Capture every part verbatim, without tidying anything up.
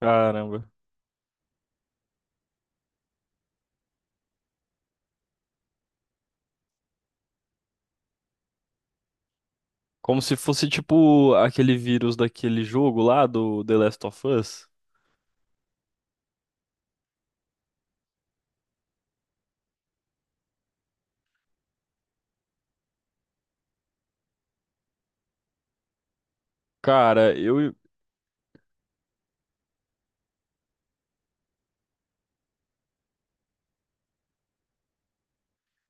Caramba. Como se fosse tipo aquele vírus daquele jogo lá do The Last of Us. Cara, eu.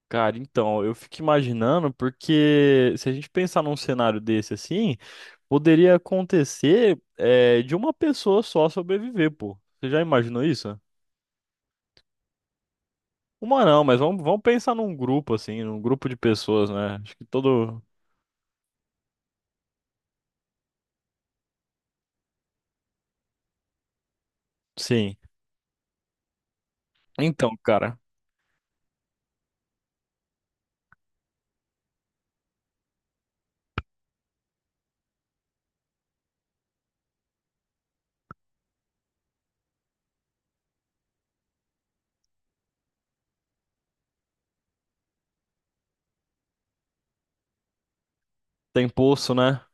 Cara, então, eu fico imaginando porque se a gente pensar num cenário desse assim, poderia acontecer é, de uma pessoa só sobreviver, pô. Você já imaginou isso? Uma não, mas vamos, vamos pensar num grupo assim, num grupo de pessoas, né? Acho que todo. Sim. Então, cara, tem pulso, né?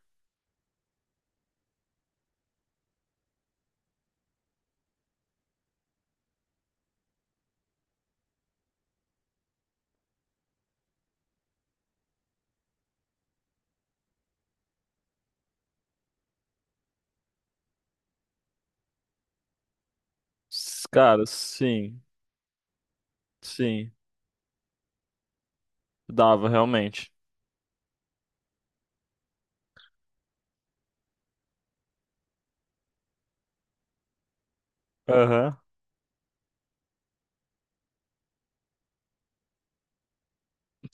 S- Cara, sim, sim. Dava, realmente. Aham.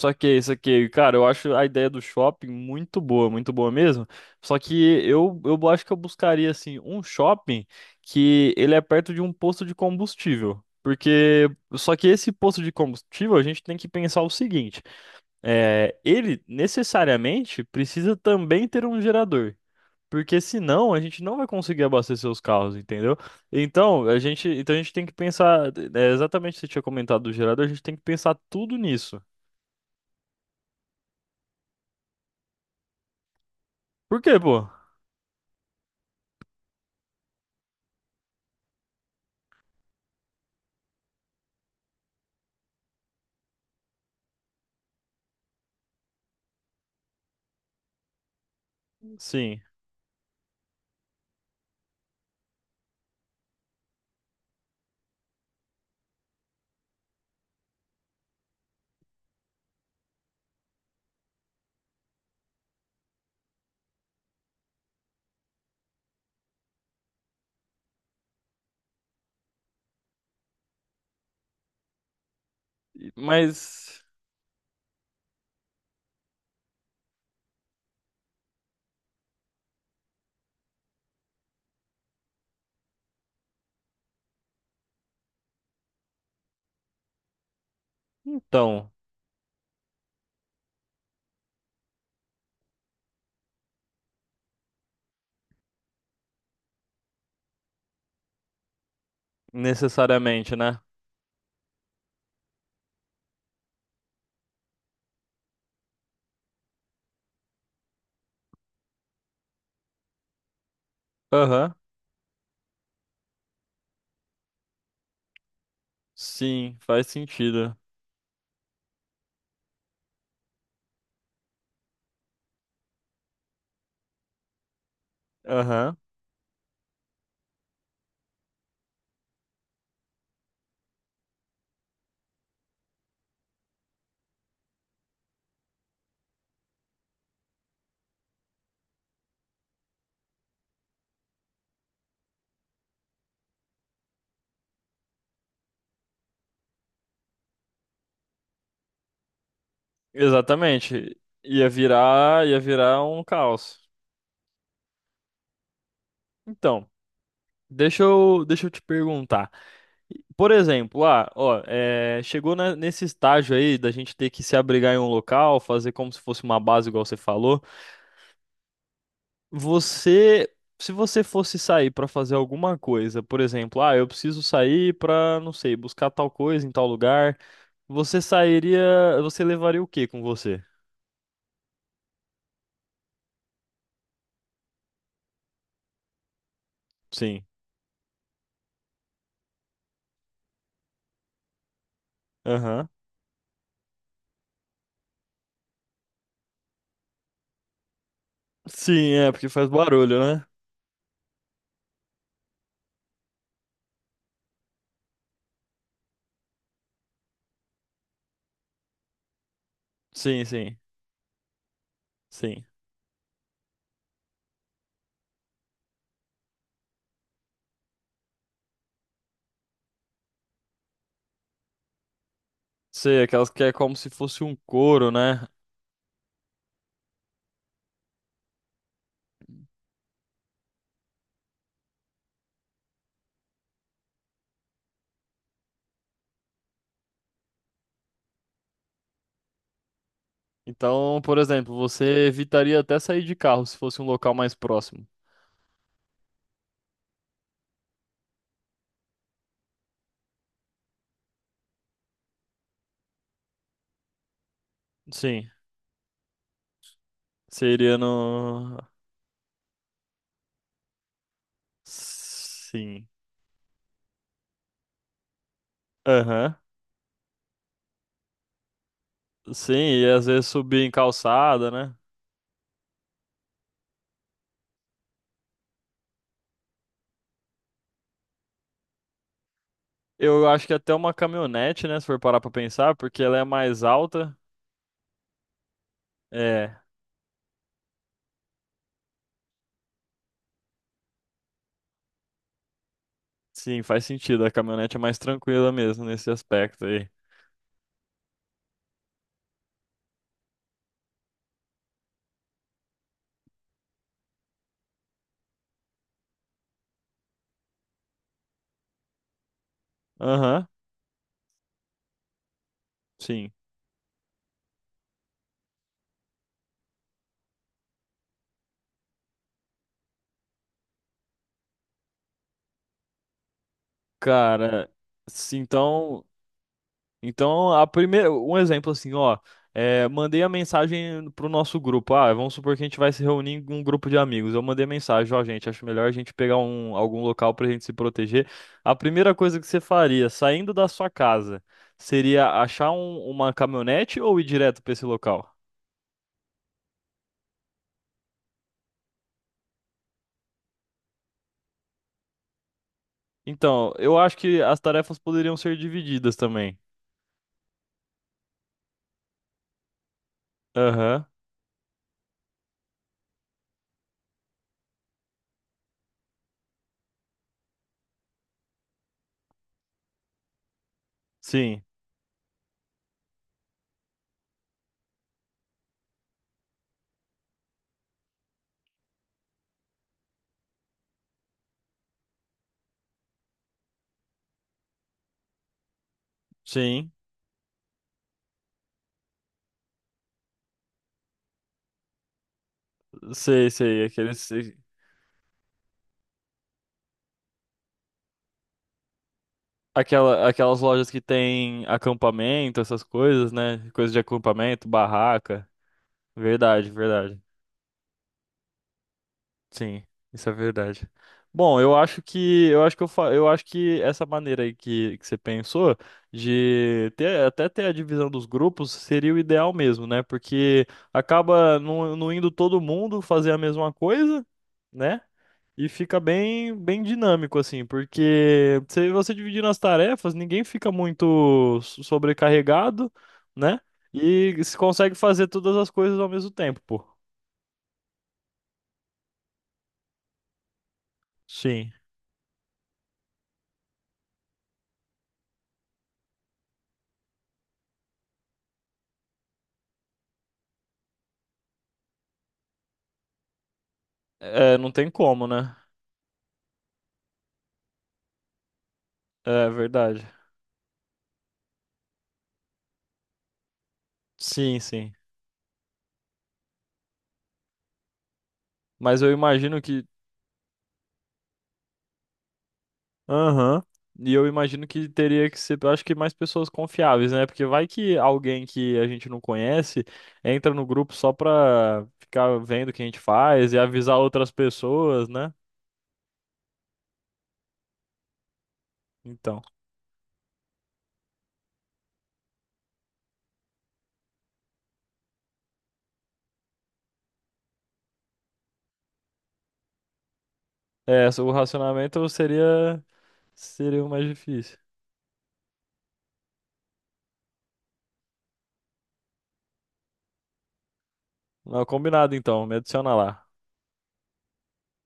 Só que, é isso aqui, cara, eu acho a ideia do shopping muito boa, muito boa mesmo. Só que eu, eu acho que eu buscaria, assim, um shopping que ele é perto de um posto de combustível. Porque, só que esse posto de combustível, a gente tem que pensar o seguinte: é, ele necessariamente precisa também ter um gerador. Porque senão a gente não vai conseguir abastecer os carros, entendeu? Então, a gente, então a gente tem que pensar, é, exatamente o que você tinha comentado do gerador, a gente tem que pensar tudo nisso. Por quê, pô? Sim, mas então, necessariamente, né? Aham, sim, faz sentido. Aham, exatamente. Ia virar, ia virar um caos. Então, deixa eu, deixa eu te perguntar. Por exemplo, ah, ó, é, chegou na- nesse estágio aí da gente ter que se abrigar em um local, fazer como se fosse uma base, igual você falou. Você, se você fosse sair pra fazer alguma coisa, por exemplo, ah, eu preciso sair pra, não sei, buscar tal coisa em tal lugar, você sairia, você levaria o quê com você? Sim. Aham. Sim, é, porque faz barulho, né? Sim, sim, sim. Sei, aquelas que é como se fosse um couro, né? Então, por exemplo, você evitaria até sair de carro se fosse um local mais próximo. Sim, seria no. Sim. Aham. Sim, e às vezes subir em calçada, né? Eu acho que até uma caminhonete, né? Se for parar pra pensar, porque ela é mais alta. É, sim, faz sentido. A caminhonete é mais tranquila mesmo nesse aspecto aí. Aham, sim. Cara, se então. Então, a primeira, um exemplo assim, ó, é, mandei a mensagem pro nosso grupo. Ah, vamos supor que a gente vai se reunir em um grupo de amigos. Eu mandei mensagem, ó, gente, acho melhor a gente pegar um, algum local pra gente se proteger. A primeira coisa que você faria, saindo da sua casa, seria achar um- uma caminhonete ou ir direto pra esse local? Então, eu acho que as tarefas poderiam ser divididas também. Aham, sim, sim, sei, sei, aqueles. Aquela, aquelas lojas que tem acampamento, essas coisas, né? Coisa de acampamento, barraca. Verdade, verdade. Sim, isso é verdade. Bom, eu acho que eu acho que eu, fa- eu acho que essa maneira aí que, que você pensou de ter até ter a divisão dos grupos seria o ideal mesmo, né? Porque acaba não, não indo todo mundo fazer a mesma coisa, né? E fica bem, bem dinâmico, assim, porque se você dividir nas tarefas, ninguém fica muito so- sobrecarregado, né? E se consegue fazer todas as coisas ao mesmo tempo, pô. Sim. É, não tem como, né? É verdade. Sim, sim. Mas eu imagino que. Aham. E eu imagino que teria que ser, eu acho que mais pessoas confiáveis, né? Porque vai que alguém que a gente não conhece entra no grupo só pra ficar vendo o que a gente faz e avisar outras pessoas, né? Então, é, o racionamento seria seria o mais difícil. Não, combinado então, me adiciona lá.